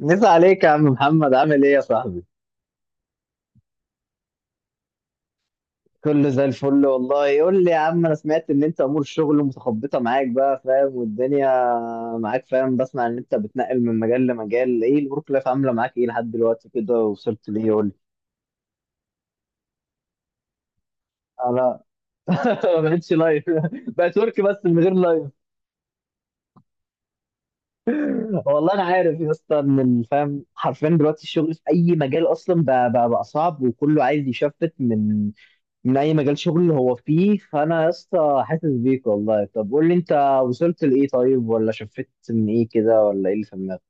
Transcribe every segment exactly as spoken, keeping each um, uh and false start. مسا عليك يا عم محمد عامل ايه يا صاحبي؟ كله زي الفل والله. قول لي يا عم، انا سمعت ان انت امور الشغل متخبطه معاك، بقى فاهم، والدنيا معاك، فاهم، بسمع ان انت بتنقل من مجال لمجال. ايه الورك لايف عامله معاك؟ ايه لحد دلوقتي كده وصلت ليه؟ قول لي. انا ما بقتش لايف، بقت ورك بس من غير لايف. والله انا عارف يا اسطى ان الفهم حرفيا دلوقتي الشغل في اي مجال اصلا بقى, بقى, بقى صعب، وكله عايز يشفت من من اي مجال شغل هو فيه. فانا يا اسطى حاسس بيك والله. طب قول لي انت وصلت لايه طيب، ولا شفت من ايه كده، ولا ايه اللي في دماغك؟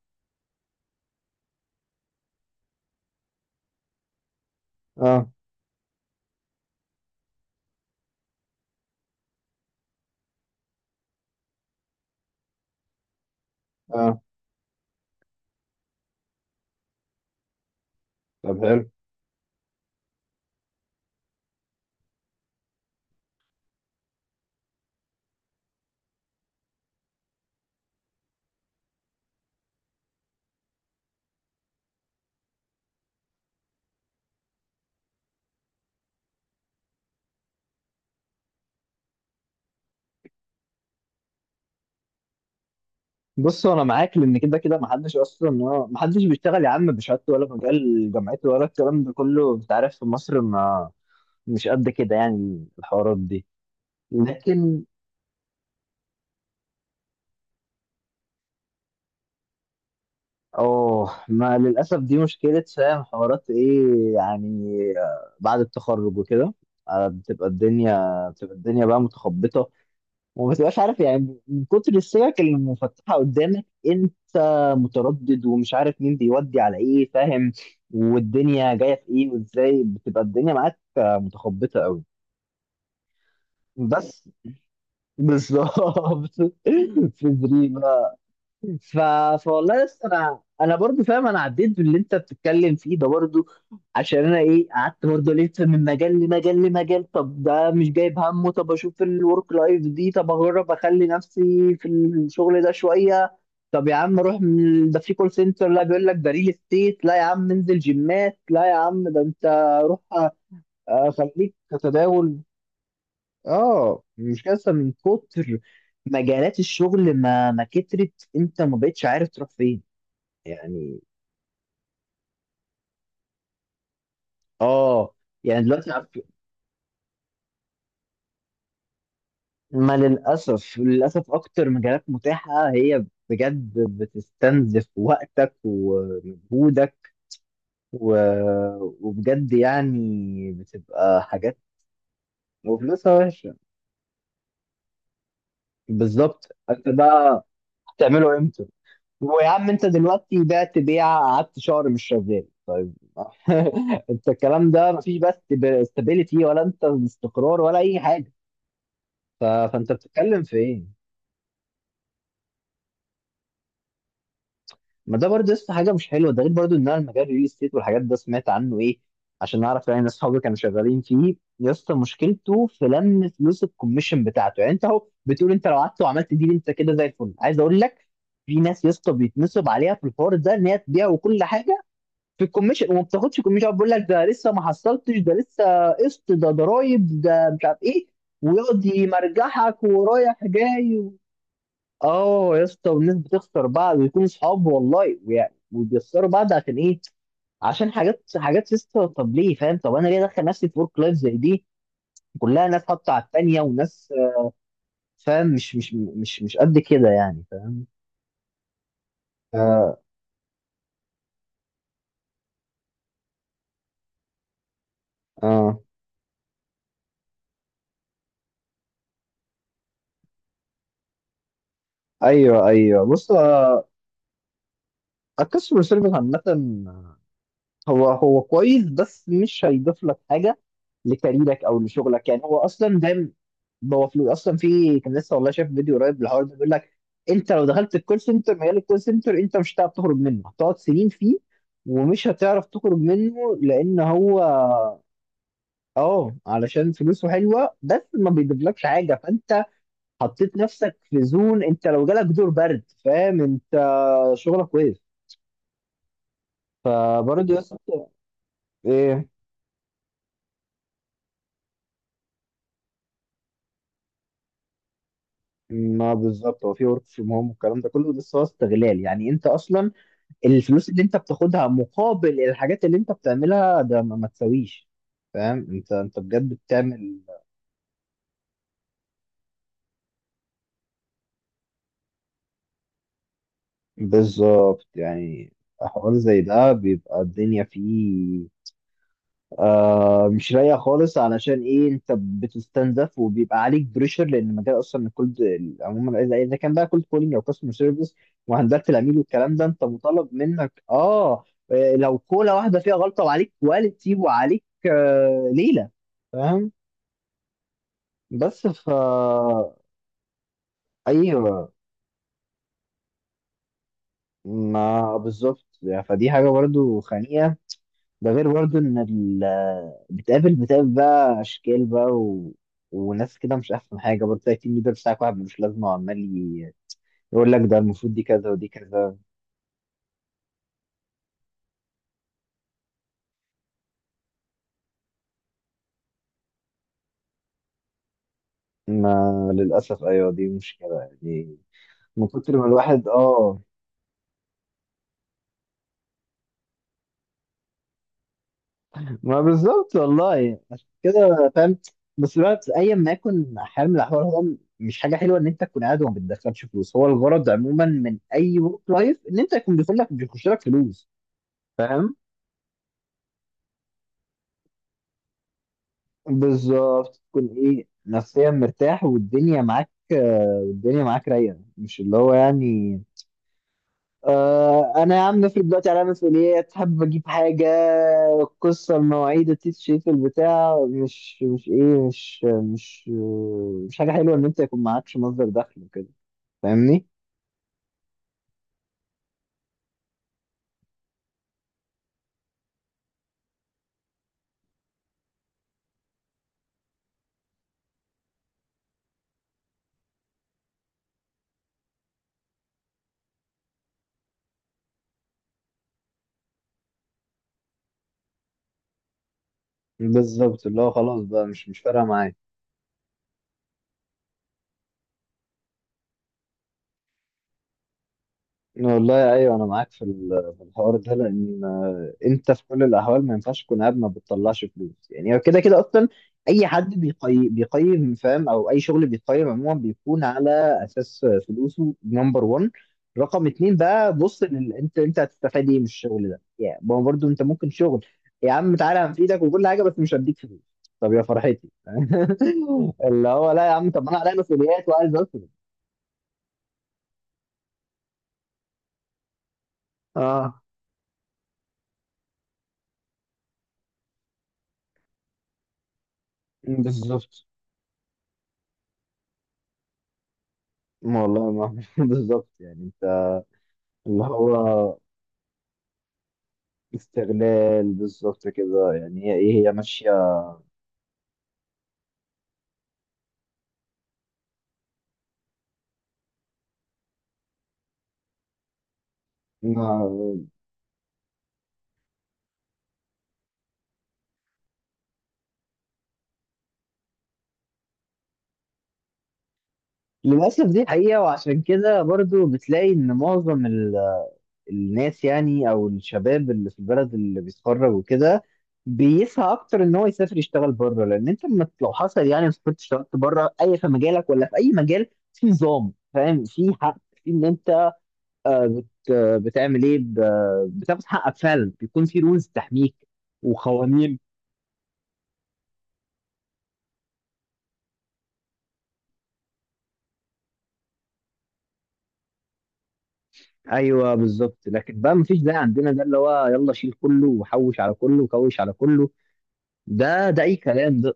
اه، اه، طب حلو. بص انا معاك، لان كده كده محدش اصلا، آه، محدش بيشتغل يا عم بشهادته ولا مجال جامعته ولا الكلام ده كله، انت عارف في مصر ما مش قد كده يعني الحوارات دي. لكن اه، ما للاسف دي مشكله، فاهم، حوارات ايه يعني، آه، بعد التخرج وكده، آه، بتبقى الدنيا، بتبقى الدنيا بقى متخبطه، وما بتبقاش عارف يعني، من كتر السكك اللي مفتحه قدامك انت متردد ومش عارف مين بيودي على ايه، فاهم، والدنيا جايه في ايه وازاي. بتبقى الدنيا معاك آه، متخبطه قوي. بس بالظبط. في دريم. ف... فوالله لسه انا انا برضو فاهم. انا عديت باللي انت بتتكلم فيه ده برضو، عشان انا ايه، قعدت برضو الف من مجال لمجال لمجال. طب ده مش جايب همه، طب اشوف الورك لايف دي، طب اجرب اخلي نفسي في الشغل ده شويه. طب يا عم روح من- ده في كول سنتر، لا بيقول لك ده ريل استيت، لا يا عم انزل جيمات، لا يا عم ده انت روح آه، خليك تتداول. اه، مش كده، من كتر مجالات الشغل، ما ما كترت انت ما بقتش عارف تروح فين يعني. اه. يعني دلوقتي عارف، ما للأسف، للأسف أكتر مجالات متاحة هي بجد بتستنزف وقتك ومجهودك و... وبجد يعني بتبقى حاجات. وفلوسها وحشة. بالظبط. أنت بقى هتعمله إمتى؟ ويا عم أنت دلوقتي بعت بيعة، قعدت شهر مش شغال، طيب أنت الكلام ده مفيش بس استابيليتي ولا أنت استقرار ولا أي حاجة. ف... فأنت بتتكلم في إيه؟ ما ده برضه لسه حاجه مش حلوه. ده غير برضه ان انا المجال الريل استيت والحاجات ده سمعت عنه ايه عشان اعرف يعني. ناس صحابي كانوا شغالين فيه يا اسطى، مشكلته في لم فلوس الكوميشن بتاعته. يعني انت اهو بتقول انت لو قعدت وعملت دي انت كده زي الفل، عايز اقول لك في ناس يا اسطى بيتنصب عليها في الحوار ده، ان هي تبيع وكل حاجه في الكوميشن، وما بتاخدش كوميشن، بيقول لك ده لسه ما حصلتش، ده لسه قسط، ده ضرايب، ده مش عارف ايه، ويقعد يمرجحك ورايح جاي. اه يا اسطى، والناس بتخسر بعض ويكونوا صحاب والله، ويعني وبيخسروا بعض عشان ايه؟ عشان حاجات حاجات يا اسطى. طب ليه، فاهم، طب انا ليه ادخل نفسي في ورك لايف زي دي، كلها ناس حاطه على التانيه وناس آه، فاهم. مش مش مش مش قد كده يعني، فاهم. اه، اه، ايوه ايوه. بص آه، الكاستمر سيرفيس عامه هو هو كويس، بس مش هيضيف لك حاجه لكاريرك او لشغلك، يعني هو اصلا ده هو فلوس اصلا. في كان لسه والله شايف فيديو قريب للحوار ده، بيقول لك انت لو دخلت الكول سنتر، مجال الكول سنتر انت مش هتعرف تخرج منه، هتقعد سنين فيه ومش هتعرف تخرج منه، لان هو اه علشان فلوسه حلوه، بس ما بيجيبلكش حاجه. فانت حطيت نفسك في زون، انت لو جالك دور برد فاهم انت شغلك كويس. فبرضه يا اسطى ايه، ما بالظبط، هو في ورك فروم هوم والكلام ده كله، بس هو استغلال يعني. انت اصلا الفلوس اللي انت بتاخدها مقابل الحاجات اللي انت بتعملها ده ما, ما تساويش، فاهم، انت انت بجد بتعمل. بالظبط يعني. حوار زي ده بيبقى الدنيا فيه آه مش رايقة خالص، علشان ايه، انت بتستنزف وبيبقى عليك بريشر، لان مجال اصلا الكولد عموما، اذا إذا كان بقى كولد كولينج او كاستمر سيرفيس وهندلة العميل والكلام ده، انت مطالب منك اه، آه، لو كولا واحدة فيها غلطة، وعليك كواليتي وعليك آه ليلة، فاهم، بس ف ايوه. ما بالظبط يعني. فدي حاجه برضو خانقه، ده غير برضو ان ال... بتقابل بتقابل بقى اشكال بقى و... وناس كده مش احسن حاجه. برضو تلاقي التيم ليدر بتاعك واحد ملوش لازمه، وعمال ي- يقول لك ده المفروض دي كذا ودي كذا. ما للاسف ايوه دي مشكله يعني، من كتر ما الواحد اه. ما بالظبط والله، عشان كده فاهم، بس بقى ايا ما يكن حال من الاحوال، هو مش حاجه حلوه ان انت تكون قاعد وما بتدخلش فلوس. هو الغرض عموما من اي ورك لايف ان انت يكون بيدخل لك، بيخش لك فلوس، فاهم. بالظبط، تكون ايه، نفسيا مرتاح، والدنيا معاك آه، والدنيا معاك رايقه، مش اللي هو يعني آه انا يا عم افرض دلوقتي عليا مسؤوليات، حابب اجيب حاجه، القصه المواعيد، التيشيرت، البتاع، مش مش ايه، مش مش مش حاجه حلوه ان انت يكون معكش مصدر دخل وكده، فاهمني. بالظبط، اللي هو خلاص بقى مش مش فارقه معايا. والله ايوه انا معاك في ال- في الحوار ده، لان انت في كل الاحوال ما ينفعش تكون قاعد ما بتطلعش فلوس. يعني هو كده كده اصلا اي حد بيقي- بيقيم، فاهم، او اي شغل بيقيم عموما بيكون على اساس فلوسه نمبر واحد. رقم اتنين بقى، بص لل... انت انت هتستفاد ايه من الشغل ده يعني، ما هو برضه انت ممكن شغل يا عم تعالى هنفيدك وكل حاجه، بس مش هديك فلوس. طب يا فرحتي اللي هو لا يا عم، طب انا عليا مسؤوليات وعايز اصرف. اه بالظبط، والله ما بالظبط يعني انت، اللي هو استغلال، بالظبط كده يعني، هي ايه، هي ماشيه. ما- للاسف دي حقيقه، وعشان كده برضو بتلاقي ان معظم ال- الناس يعني، او الشباب اللي في البلد اللي بيتخرج وكده، بيسعى اكتر ان هو يسافر يشتغل بره. لان انت لما لو حصل يعني سافرت اشتغلت بره، اي في مجالك ولا في اي مجال، في نظام، فاهم، في حق، في ان انت آه، بت بتعمل ايه، ب- بتاخد حقك فعلا، بيكون في رولز تحميك وقوانين. ايوه بالظبط. لكن بقى مفيش ده عندنا، ده اللي هو يلا شيل كله، وحوش على كله، وكوش على كله، ده ده اي كلام ده.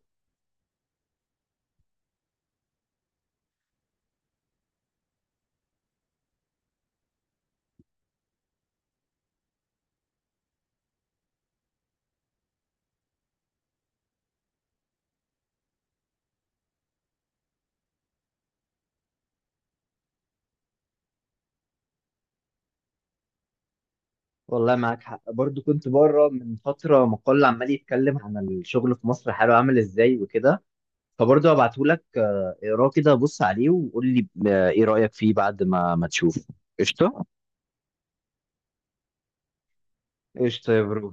والله معاك حق، برضو كنت بره من فتره مقال عمال يتكلم عن الشغل في مصر حاله عامل ازاي وكده، فبرضه هبعته لك آه، اقراه كده بص عليه وقول لي آه، ايه رايك فيه بعد ما ما تشوفه. قشطه. قشطه يا برو.